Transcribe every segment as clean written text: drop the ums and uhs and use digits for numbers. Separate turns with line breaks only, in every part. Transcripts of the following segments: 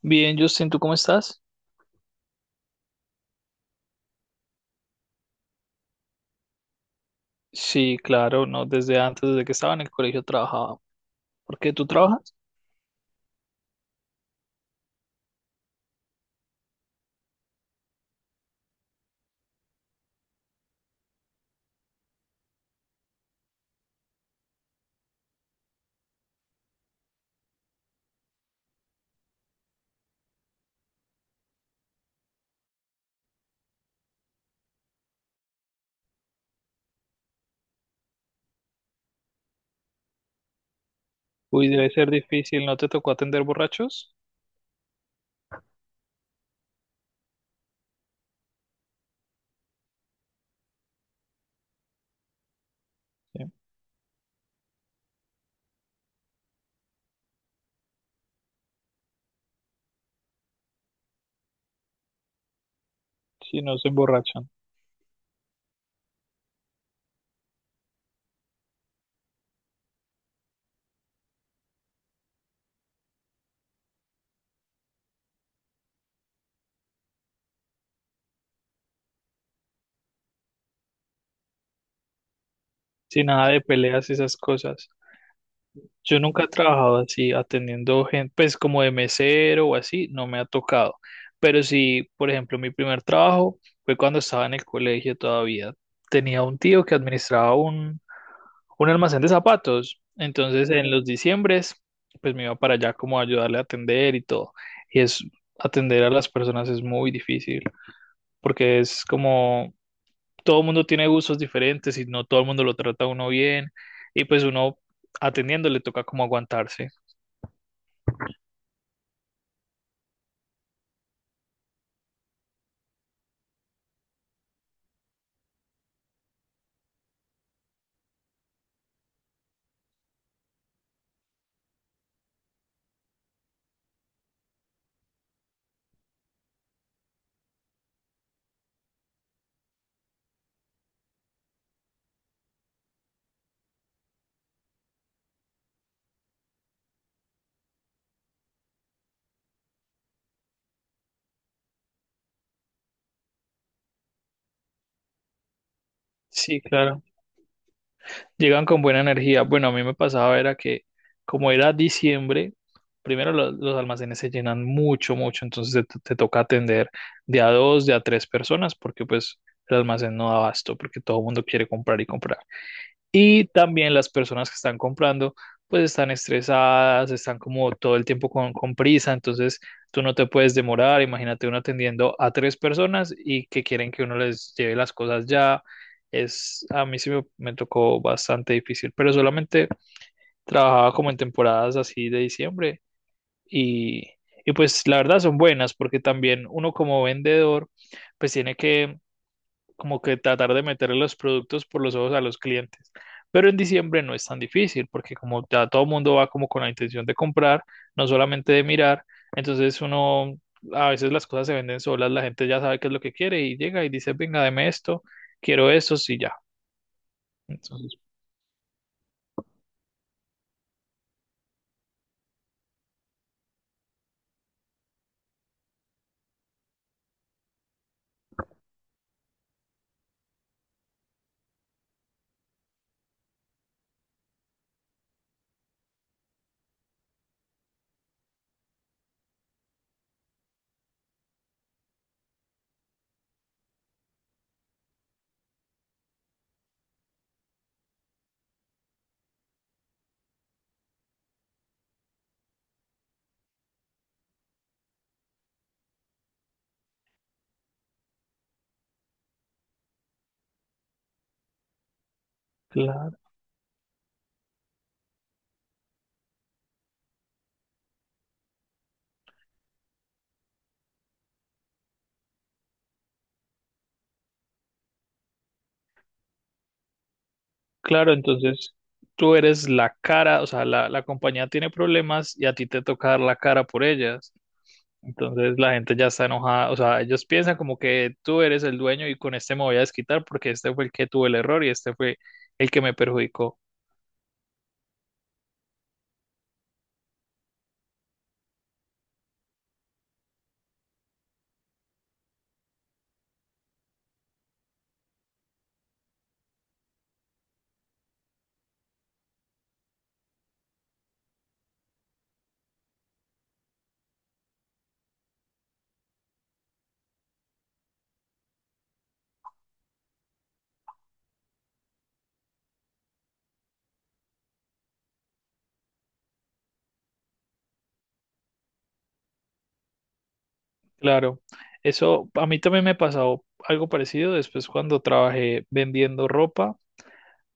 Bien, Justin, ¿tú cómo estás? Sí, claro, no, desde antes, desde que estaba en el colegio trabajaba. ¿Por qué tú trabajas? Uy, debe ser difícil, ¿no te tocó atender borrachos? Sí, sí, no se emborrachan. Sin nada de peleas y esas cosas. Yo nunca he trabajado así atendiendo gente, pues como de mesero o así, no me ha tocado. Pero sí, por ejemplo, mi primer trabajo fue cuando estaba en el colegio todavía. Tenía un tío que administraba un almacén de zapatos. Entonces, en los diciembres, pues me iba para allá como a ayudarle a atender y todo. Y es, atender a las personas es muy difícil porque es como todo el mundo tiene gustos diferentes y no todo el mundo lo trata a uno bien. Y pues uno atendiendo le toca como aguantarse. Sí, claro. Llegan con buena energía. Bueno, a mí me pasaba era que como era diciembre, primero almacenes se llenan mucho, mucho. Entonces te toca atender de a dos, de a tres personas, porque pues el almacén no da abasto, porque todo el mundo quiere comprar y comprar. Y también las personas que están comprando, pues están estresadas, están como todo el tiempo con prisa. Entonces tú no te puedes demorar. Imagínate uno atendiendo a tres personas y que quieren que uno les lleve las cosas ya. Es, a mí sí me tocó bastante difícil, pero solamente trabajaba como en temporadas así de diciembre y, y pues la verdad son buenas porque también uno como vendedor pues tiene que como que tratar de meter los productos por los ojos a los clientes. Pero en diciembre no es tan difícil porque como ya todo el mundo va como con la intención de comprar, no solamente de mirar, entonces uno, a veces las cosas se venden solas, la gente ya sabe qué es lo que quiere y llega y dice, venga, deme esto, quiero esto, sí, ya. Entonces, claro, claro, entonces tú eres la cara, o sea, la compañía tiene problemas y a ti te toca dar la cara por ellas. Entonces la gente ya está enojada, o sea, ellos piensan como que tú eres el dueño y con este me voy a desquitar porque este fue el que tuvo el error y este fue el que me perjudicó. Claro, eso a mí también me pasó algo parecido después cuando trabajé vendiendo ropa.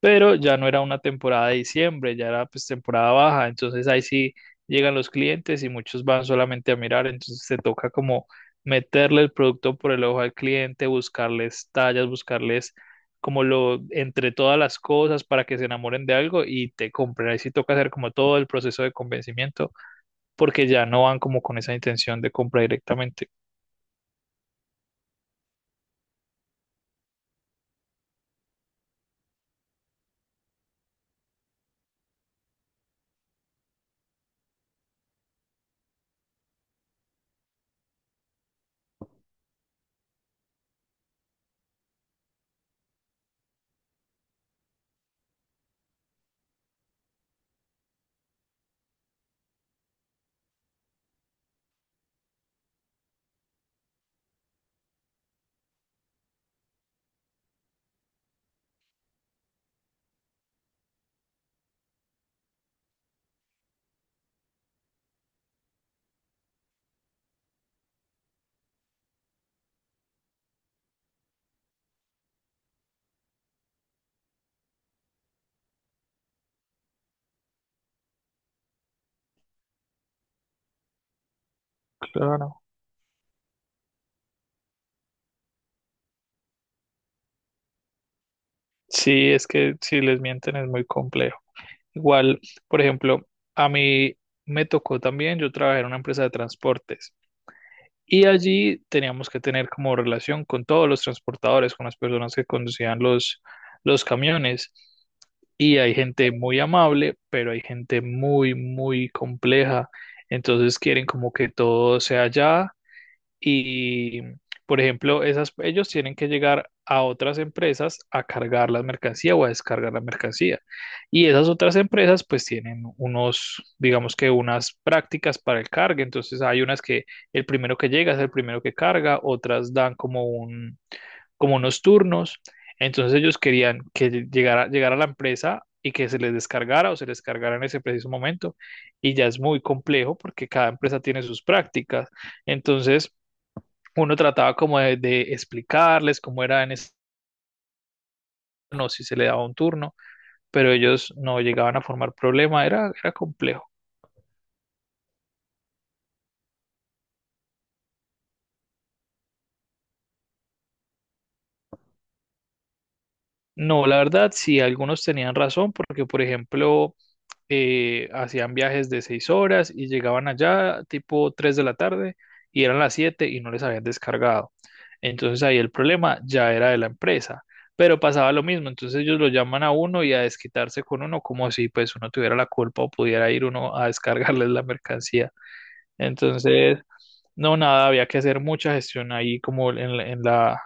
Pero ya no era una temporada de diciembre, ya era pues temporada baja. Entonces ahí sí llegan los clientes y muchos van solamente a mirar, entonces te toca como meterle el producto por el ojo al cliente, buscarles tallas, buscarles como lo entre todas las cosas para que se enamoren de algo y te compren. Ahí sí toca hacer como todo el proceso de convencimiento porque ya no van como con esa intención de compra directamente. Claro. Sí, es que si les mienten es muy complejo. Igual, por ejemplo, a mí me tocó también, yo trabajé en una empresa de transportes y allí teníamos que tener como relación con todos los transportadores, con las personas que conducían los camiones. Y hay gente muy amable, pero hay gente muy, muy compleja. Entonces quieren como que todo sea ya y, por ejemplo, esas, ellos tienen que llegar a otras empresas a cargar la mercancía o a descargar la mercancía. Y esas otras empresas pues tienen unos, digamos que unas prácticas para el cargue. Entonces hay unas que el primero que llega es el primero que carga, otras dan como un, como unos turnos. Entonces ellos querían que llegara a la empresa y que se les descargara o se les cargara en ese preciso momento. Y ya es muy complejo porque cada empresa tiene sus prácticas. Entonces uno trataba como de explicarles cómo era en este turno, si se le daba un turno, pero ellos no llegaban a formar problema, era, era complejo. No, la verdad, sí, algunos tenían razón, porque por ejemplo, hacían viajes de 6 horas y llegaban allá tipo 3 de la tarde y eran las 7 y no les habían descargado. Entonces ahí el problema ya era de la empresa, pero pasaba lo mismo, entonces ellos lo llaman a uno y a desquitarse con uno como si pues uno tuviera la culpa o pudiera ir uno a descargarles la mercancía. Entonces, no, nada, había que hacer mucha gestión ahí como en,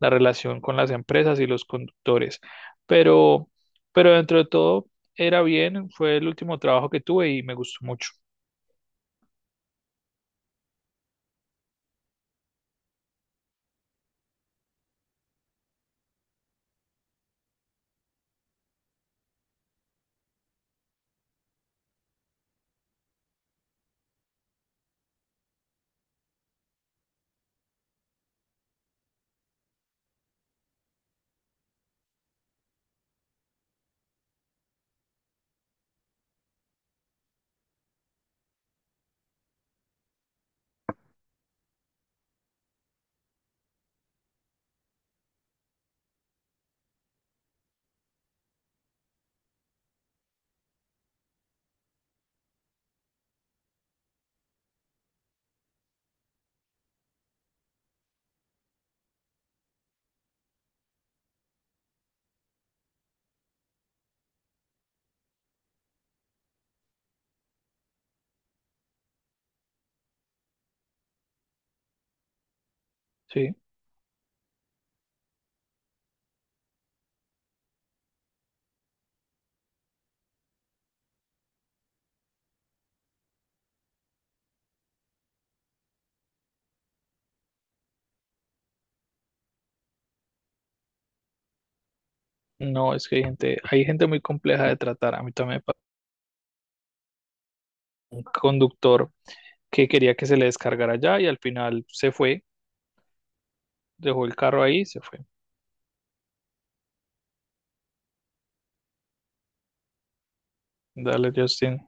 la relación con las empresas y los conductores. Pero, pero dentro de todo era bien, fue el último trabajo que tuve y me gustó mucho. Sí, no, es que hay gente muy compleja de tratar. A mí también me pasó un conductor que quería que se le descargara allá y al final se fue, dejó el carro ahí y se fue. Dale, Justin.